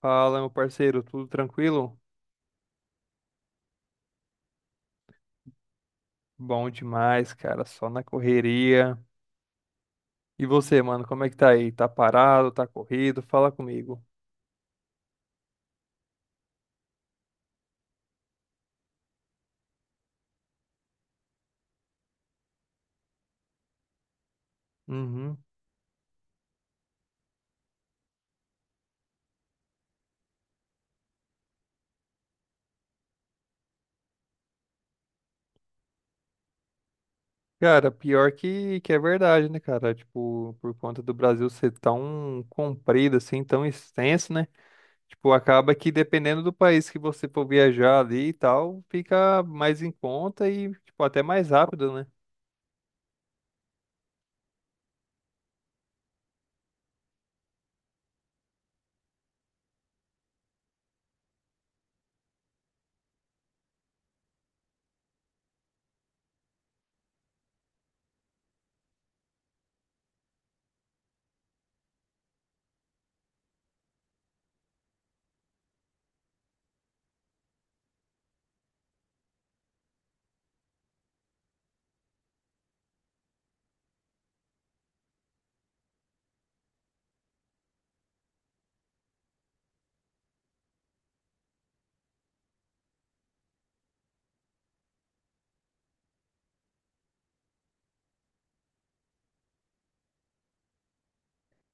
Fala, meu parceiro, tudo tranquilo? Bom demais, cara, só na correria. E você, mano, como é que tá aí? Tá parado, tá corrido? Fala comigo. Uhum. Cara, pior que é verdade, né, cara? Tipo, por conta do Brasil ser tão comprido, assim, tão extenso, né? Tipo, acaba que dependendo do país que você for viajar ali e tal, fica mais em conta e, tipo, até mais rápido, né?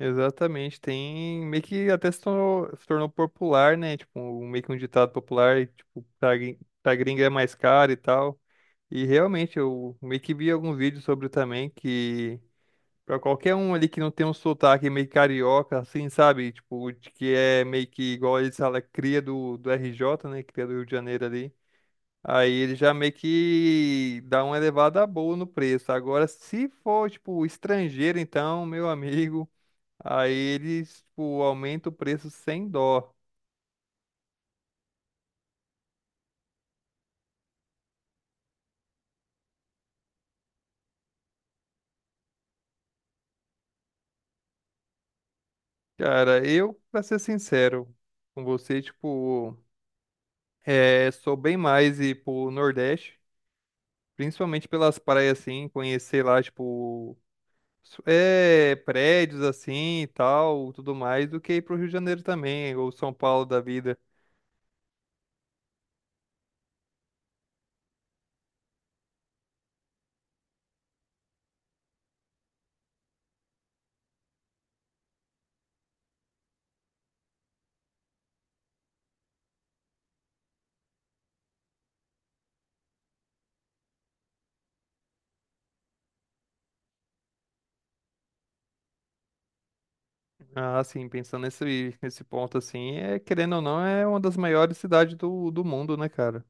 Exatamente, tem meio que até se tornou, se tornou popular, né? Tipo, meio que um ditado popular, e, tipo, pra, pra gringa é mais caro e tal. E realmente, eu meio que vi alguns vídeos sobre também que, pra qualquer um ali que não tem um sotaque meio carioca, assim, sabe? Tipo, de que é meio que igual eles falam, cria do RJ, né? Cria do Rio de Janeiro ali. Aí ele já meio que dá uma elevada boa no preço. Agora, se for, tipo, estrangeiro, então, meu amigo. Aí eles, tipo, aumentam o preço sem dó. Cara, eu, pra ser sincero com você, tipo, é, sou bem mais ir pro Nordeste, principalmente pelas praias, assim, conhecer lá, tipo, prédios, assim, e tal, tudo mais, do que ir pro Rio de Janeiro também, ou São Paulo da vida. Ah, assim, pensando nesse ponto, assim, é, querendo ou não, é uma das maiores cidades do mundo, né, cara?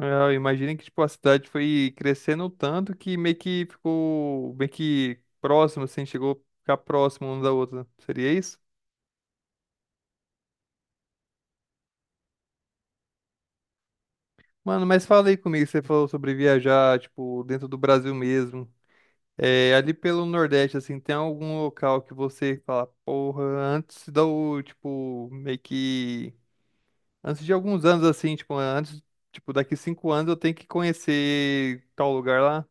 É, imagina que tipo, a cidade foi crescendo tanto que meio que ficou meio que próximo, assim, chegou a ficar próximo uma da outra. Seria isso? Mano, mas fala aí comigo, você falou sobre viajar, tipo, dentro do Brasil mesmo. É, ali pelo Nordeste, assim, tem algum local que você fala, porra, antes do, tipo, meio que. Antes de alguns anos, assim, tipo, antes, tipo, daqui 5 anos eu tenho que conhecer tal lugar lá?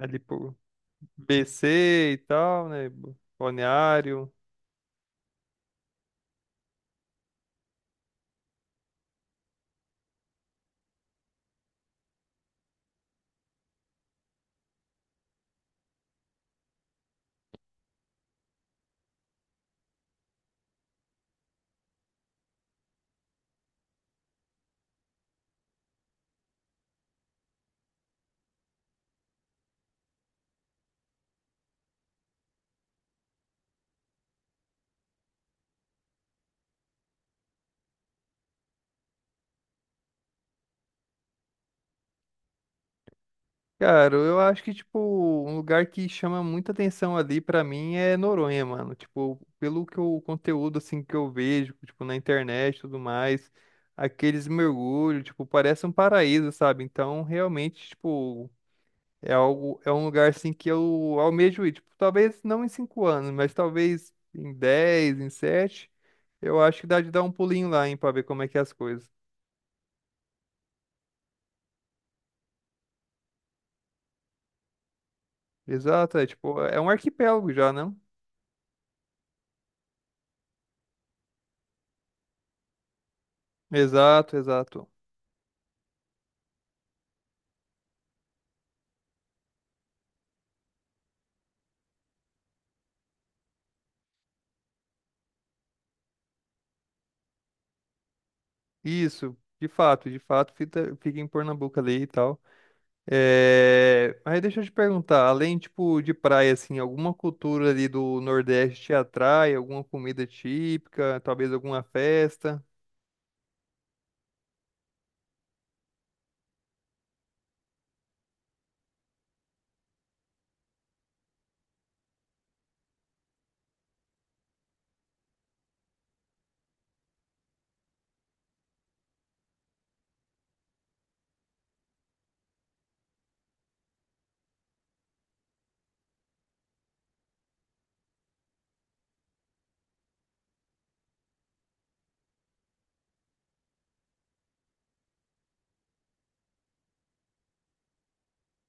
Ali, pô. BC e tal, né? Balneário. Cara, eu acho que, tipo, um lugar que chama muita atenção ali pra mim é Noronha, mano. Tipo, pelo que o conteúdo, assim, que eu vejo, tipo, na internet e tudo mais, aqueles mergulhos, tipo, parece um paraíso, sabe? Então, realmente, tipo, é algo, é um lugar, assim, que eu almejo ir. Tipo, talvez não em 5 anos, mas talvez em 10, em 7, eu acho que dá de dar um pulinho lá, hein, pra ver como é que é as coisas. Exato, é tipo, é um arquipélago já, não? Exato, exato. Isso, de fato, fica em Pernambuco ali e tal. É. Mas deixa eu te perguntar, além, tipo, de praia, assim, alguma cultura ali do Nordeste te atrai? Alguma comida típica? Talvez alguma festa?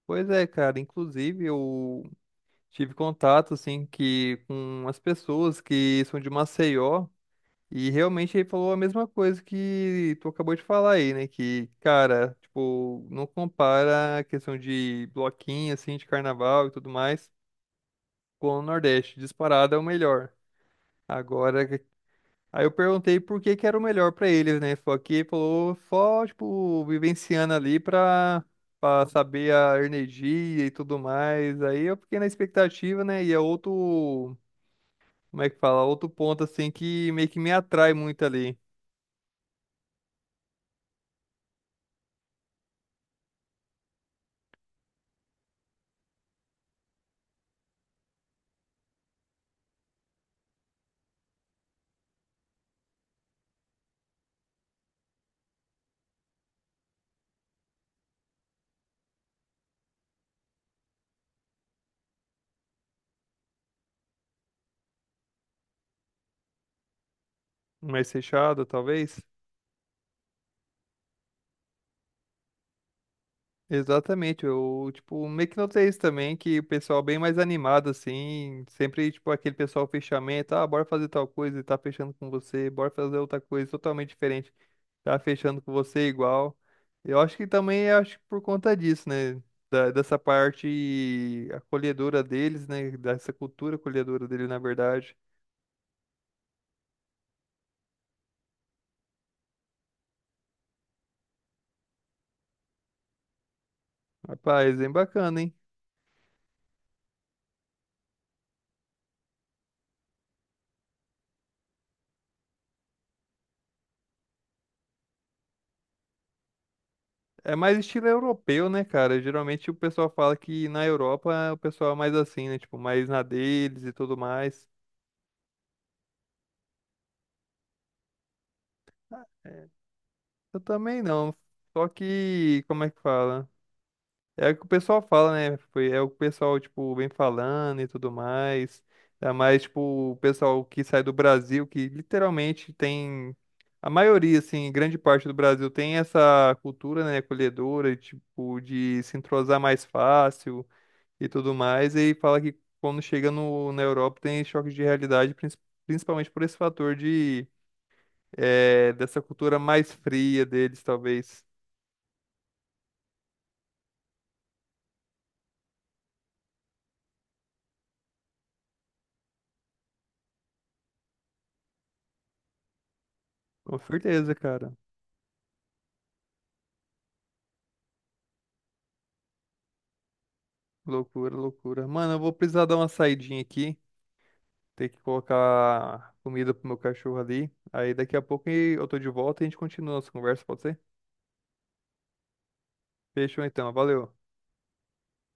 Pois é, cara, inclusive eu tive contato, assim, que com as pessoas que são de Maceió. E realmente ele falou a mesma coisa que tu acabou de falar aí, né? Que, cara, tipo, não compara a questão de bloquinho, assim, de carnaval e tudo mais com o Nordeste. Disparado é o melhor. Agora, aí eu perguntei por que que era o melhor pra eles, né? Só que ele falou só, tipo, vivenciando ali pra, pra saber a energia e tudo mais. Aí eu fiquei na expectativa, né? E é outro, como é que fala? Outro ponto, assim, que meio que me atrai muito ali. Mais fechado, talvez? Exatamente, eu, tipo, meio que notei isso também, que o pessoal bem mais animado, assim, sempre, tipo, aquele pessoal fechamento, ah, bora fazer tal coisa e tá fechando com você, bora fazer outra coisa totalmente diferente, tá fechando com você igual. Eu acho que também, acho que por conta disso, né, dessa parte acolhedora deles, né, dessa cultura acolhedora dele, na verdade. Rapaz, bem bacana, hein? É mais estilo europeu, né, cara? Geralmente o pessoal fala que na Europa é o pessoal é mais assim, né? Tipo, mais na deles e tudo mais. É, eu também não. Só que, como é que fala? É o que o pessoal fala, né? Foi, é o que o pessoal, tipo, vem falando e tudo mais. É mais, tipo, o pessoal que sai do Brasil, que literalmente tem. A maioria, assim, grande parte do Brasil tem essa cultura, né, acolhedora, tipo, de se entrosar mais fácil e tudo mais, e fala que quando chega no, na Europa tem choques de realidade, principalmente por esse fator de dessa cultura mais fria deles, talvez. Com certeza, cara. Loucura, loucura. Mano, eu vou precisar dar uma saidinha aqui, ter que colocar comida pro meu cachorro ali. Aí daqui a pouco eu tô de volta e a gente continua nossa conversa, pode ser? Fechou então, valeu.